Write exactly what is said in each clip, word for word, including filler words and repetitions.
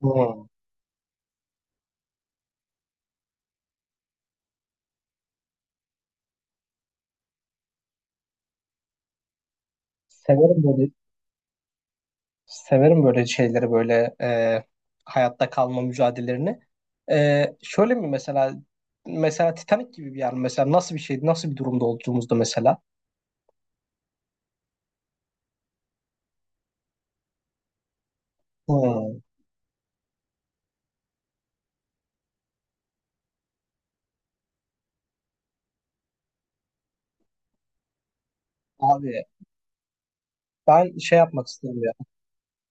Hmm. Severim böyle Severim böyle şeyleri böyle e, hayatta kalma mücadelelerini. E, şöyle mi mesela, mesela Titanic gibi bir yer mi? Mesela nasıl bir şeydi nasıl bir durumda olduğumuzda mesela. Hmm. Abi ben şey yapmak istiyorum ya.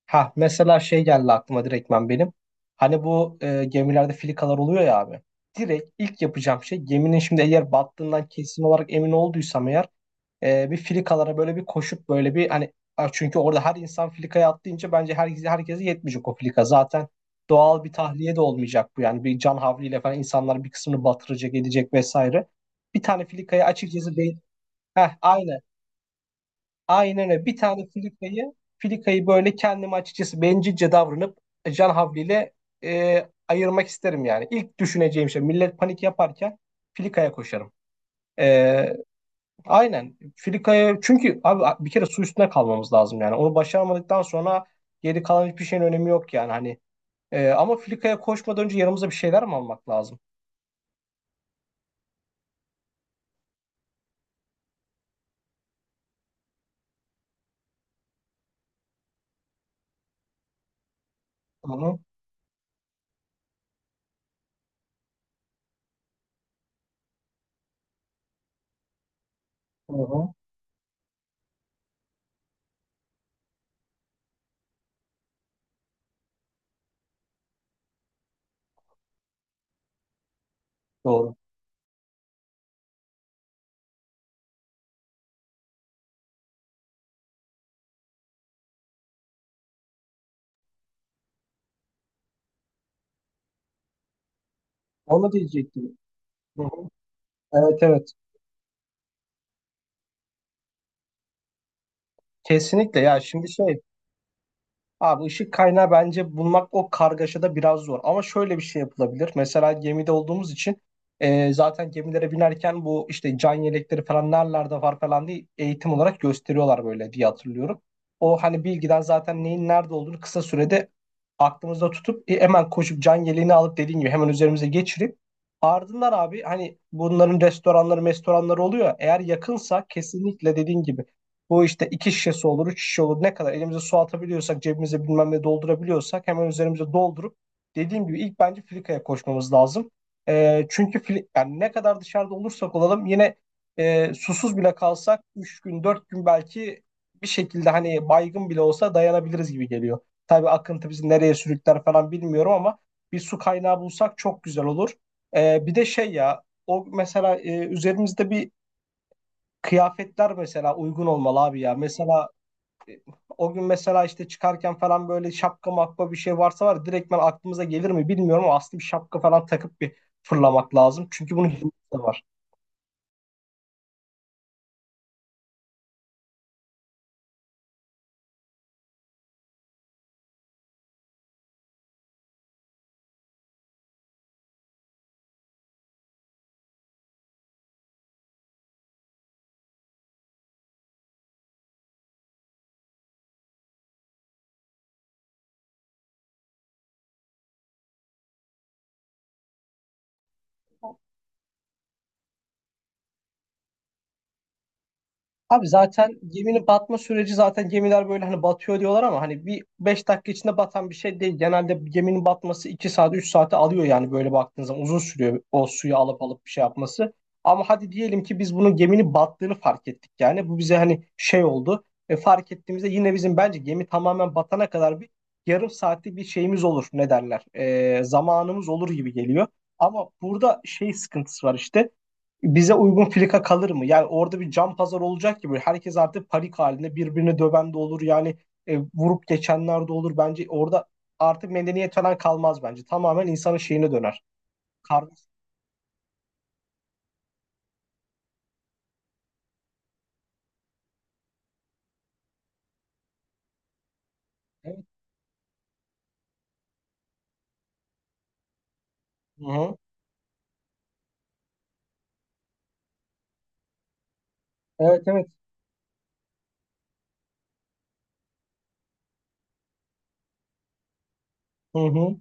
Ha mesela şey geldi aklıma direktmen benim. Hani bu e, gemilerde filikalar oluyor ya abi. Direkt ilk yapacağım şey, geminin şimdi eğer battığından kesin olarak emin olduysam eğer e, bir filikalara böyle bir koşup böyle bir hani a, çünkü orada her insan filikaya atlayınca bence herkese herkese yetmeyecek o filika. Zaten doğal bir tahliye de olmayacak bu, yani bir can havliyle falan insanlar bir kısmını batıracak edecek vesaire. Bir tane filikayı açıkçası değil. Heh, aynı. Aynen öyle. Bir tane filikayı filikayı böyle kendime açıkçası bencilce davranıp e, can havliyle e, ayırmak isterim yani. İlk düşüneceğim şey, millet panik yaparken filikaya koşarım. E, Aynen. Filika'ya, çünkü abi bir kere su üstüne kalmamız lazım yani. Onu başaramadıktan sonra geri kalan hiçbir şeyin önemi yok yani hani. Ee, ama Filika'ya koşmadan önce yanımıza bir şeyler mi almak lazım? Hı hı, hı hı. Doğru. Onu diyecektim. Hı hı. Evet, evet. Kesinlikle ya, şimdi şey, abi ışık kaynağı bence bulmak o kargaşada biraz zor. Ama şöyle bir şey yapılabilir. Mesela gemide olduğumuz için e, zaten gemilere binerken bu işte can yelekleri falan nerelerde var falan diye eğitim olarak gösteriyorlar böyle diye hatırlıyorum. O hani bilgiden zaten neyin nerede olduğunu kısa sürede aklımızda tutup e, hemen koşup can yeleğini alıp, dediğin gibi hemen üzerimize geçirip ardından abi hani bunların restoranları restoranları oluyor. Ya, eğer yakınsa kesinlikle dediğin gibi bu işte iki şişesi olur, üç şişe olur. Ne kadar elimize su atabiliyorsak, cebimize bilmem ne doldurabiliyorsak hemen üzerimize doldurup, dediğim gibi ilk bence filikaya koşmamız lazım. Ee, çünkü fili- yani ne kadar dışarıda olursak olalım, yine e, susuz bile kalsak üç gün dört gün belki bir şekilde hani baygın bile olsa dayanabiliriz gibi geliyor. Tabii akıntı bizi nereye sürükler falan bilmiyorum ama bir su kaynağı bulsak çok güzel olur. Ee, bir de şey ya, o mesela e, üzerimizde bir, kıyafetler mesela uygun olmalı abi ya. Mesela e, o gün mesela işte çıkarken falan böyle şapka makba bir şey varsa var ya, direktmen aklımıza gelir mi bilmiyorum ama aslında bir şapka falan takıp bir fırlamak lazım. Çünkü bunun hikmeti de var. Abi zaten geminin batma süreci, zaten gemiler böyle hani batıyor diyorlar ama hani bir beş dakika içinde batan bir şey değil. Genelde bir geminin batması iki saat üç saate alıyor yani, böyle baktığınız zaman uzun sürüyor o suyu alıp alıp bir şey yapması. Ama hadi diyelim ki biz bunun geminin battığını fark ettik, yani bu bize hani şey oldu. E, fark ettiğimizde yine bizim bence gemi tamamen batana kadar bir yarım saatlik bir şeyimiz olur ne derler, E, zamanımız olur gibi geliyor. Ama burada şey sıkıntısı var işte, bize uygun filika kalır mı? Yani orada bir can pazar olacak gibi. Herkes artık panik halinde birbirini döven de olur. Yani e, vurup geçenler de olur. Bence orada artık medeniyet falan kalmaz bence. Tamamen insanın şeyine döner. Kardeş. Evet. Hı hı. Evet, evet. Hı hı.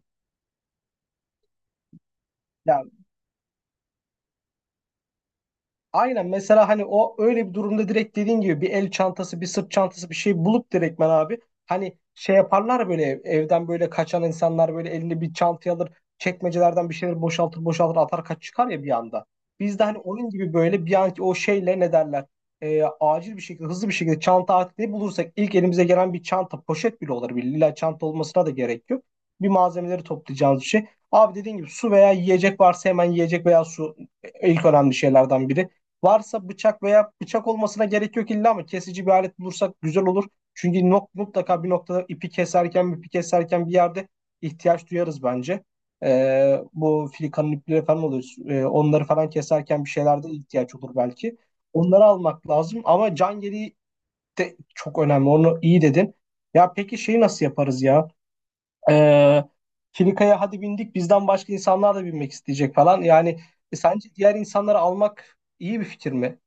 Aynen, mesela hani o öyle bir durumda direkt dediğin gibi bir el çantası, bir sırt çantası, bir şey bulup direktmen abi, hani şey yaparlar ya, böyle ev- evden böyle kaçan insanlar böyle elinde bir çantayı alır çekmecelerden bir şeyler boşaltır boşaltır atar kaç çıkar ya bir anda. Biz de hani onun gibi böyle bir anki o şeyle ne derler, e, acil bir şekilde, hızlı bir şekilde çanta atlayıp bulursak, ilk elimize gelen bir çanta, poşet bile olur, bile illa çanta olmasına da gerek yok. Bir malzemeleri toplayacağımız bir şey. Abi dediğin gibi su veya yiyecek varsa hemen yiyecek veya su ilk önemli şeylerden biri. Varsa bıçak veya bıçak olmasına gerek yok illa, ama kesici bir alet bulursak güzel olur. Çünkü nok- mutlaka bir noktada ipi keserken, ipi keserken bir yerde ihtiyaç duyarız bence. Ee, bu filikanın ipleri falan oluyor. Ee, onları falan keserken bir şeylerde ihtiyaç olur belki. Onları almak lazım, ama can yeleği de çok önemli. Onu iyi dedin. Ya peki şeyi nasıl yaparız ya? Ee, filikaya hadi bindik, bizden başka insanlar da binmek isteyecek falan. Yani e, sence diğer insanları almak iyi bir fikir mi?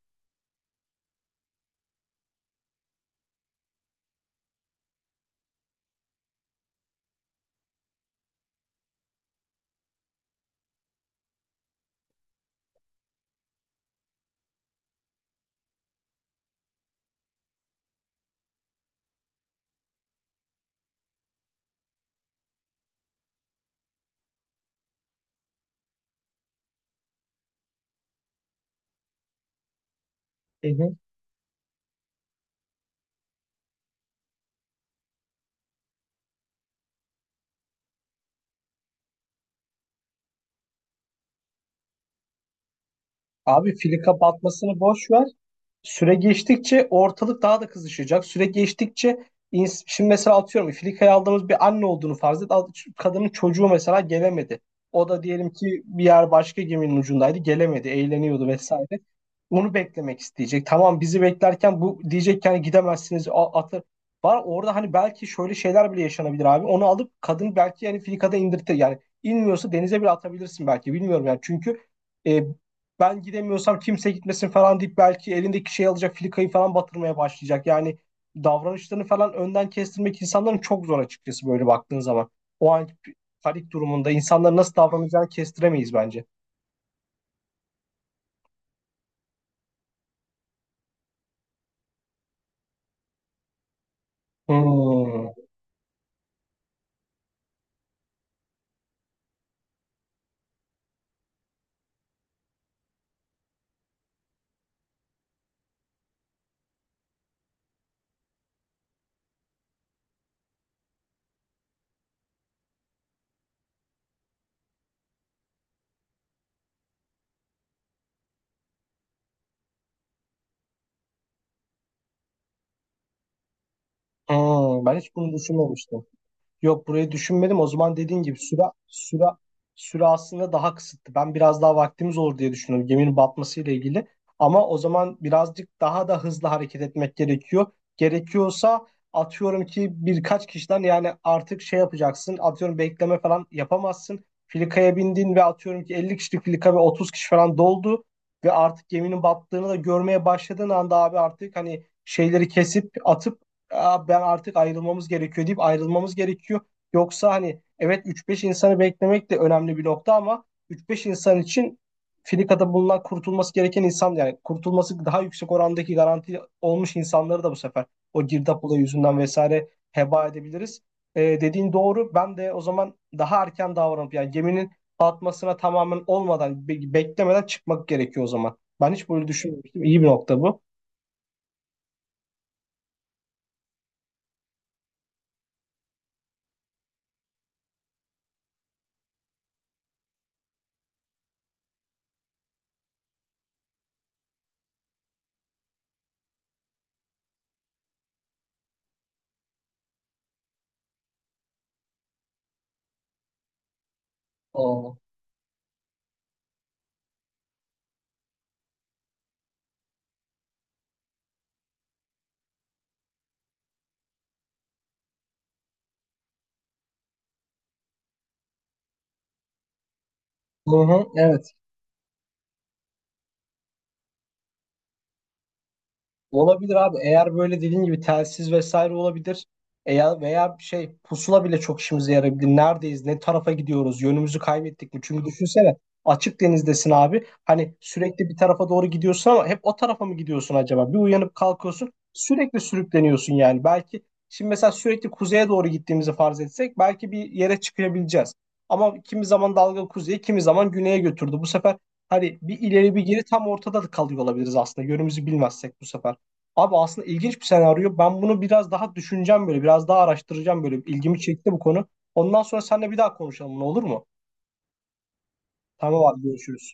Hı hı. Abi fili kapatmasını boş ver. Süre geçtikçe ortalık daha da kızışacak. Süre geçtikçe ins- şimdi mesela atıyorum Filika'ya aldığımız bir anne olduğunu farz et. Al- Kadının çocuğu mesela gelemedi. O da diyelim ki bir yer başka geminin ucundaydı. Gelemedi, eğleniyordu vesaire. Onu beklemek isteyecek. Tamam bizi beklerken bu diyecek ki hani gidemezsiniz, a- atı var. Orada hani belki şöyle şeyler bile yaşanabilir abi. Onu alıp kadın belki yani Filika'da indirtir. Yani inmiyorsa denize bile atabilirsin belki. Bilmiyorum yani. Çünkü e, ben gidemiyorsam kimse gitmesin falan deyip belki elindeki şey alacak filikayı falan batırmaya başlayacak. Yani davranışlarını falan önden kestirmek insanların çok zor açıkçası, böyle baktığın zaman. O an panik durumunda insanların nasıl davranacağını kestiremeyiz bence. Hmm. Hmm, ben hiç bunu düşünmemiştim. Yok, burayı düşünmedim. O zaman dediğin gibi süre süre süre aslında daha kısıtlı. Ben biraz daha vaktimiz olur diye düşünüyorum geminin batmasıyla ilgili. Ama o zaman birazcık daha da hızlı hareket etmek gerekiyor. Gerekiyorsa atıyorum ki birkaç kişiden, yani artık şey yapacaksın. Atıyorum bekleme falan yapamazsın. Filikaya bindin ve atıyorum ki elli kişilik filika ve otuz kişi falan doldu ve artık geminin battığını da görmeye başladığın anda abi artık hani şeyleri kesip atıp, "Aa, ben artık ayrılmamız gerekiyor" deyip ayrılmamız gerekiyor. Yoksa hani, evet, üç beş insanı beklemek de önemli bir nokta, ama üç beş insan için Filika'da bulunan kurtulması gereken insan, yani kurtulması daha yüksek orandaki garanti olmuş insanları da bu sefer o girdap olayı yüzünden vesaire heba edebiliriz. Ee, dediğin doğru. Ben de o zaman daha erken davranıp yani geminin batmasına tamamen olmadan be- beklemeden çıkmak gerekiyor o zaman. Ben hiç böyle düşünmemiştim. İyi bir nokta bu. Oo. Hı hı, evet. Olabilir abi. Eğer böyle dediğin gibi telsiz vesaire olabilir. Eğer veya şey pusula bile çok işimize yarayabilir. Neredeyiz? Ne tarafa gidiyoruz? Yönümüzü kaybettik mi? Çünkü düşünsene açık denizdesin abi. Hani sürekli bir tarafa doğru gidiyorsun ama hep o tarafa mı gidiyorsun acaba? Bir uyanıp kalkıyorsun. Sürekli sürükleniyorsun yani. Belki şimdi mesela sürekli kuzeye doğru gittiğimizi farz etsek belki bir yere çıkabileceğiz. Ama kimi zaman dalga kuzeye, kimi zaman güneye götürdü. Bu sefer hani bir ileri bir geri tam ortada da kalıyor olabiliriz aslında, yönümüzü bilmezsek bu sefer. Abi aslında ilginç bir senaryo. Ben bunu biraz daha düşüneceğim böyle. Biraz daha araştıracağım böyle. İlgimi çekti bu konu. Ondan sonra seninle bir daha konuşalım. Ne olur mu? Tamam abi, görüşürüz.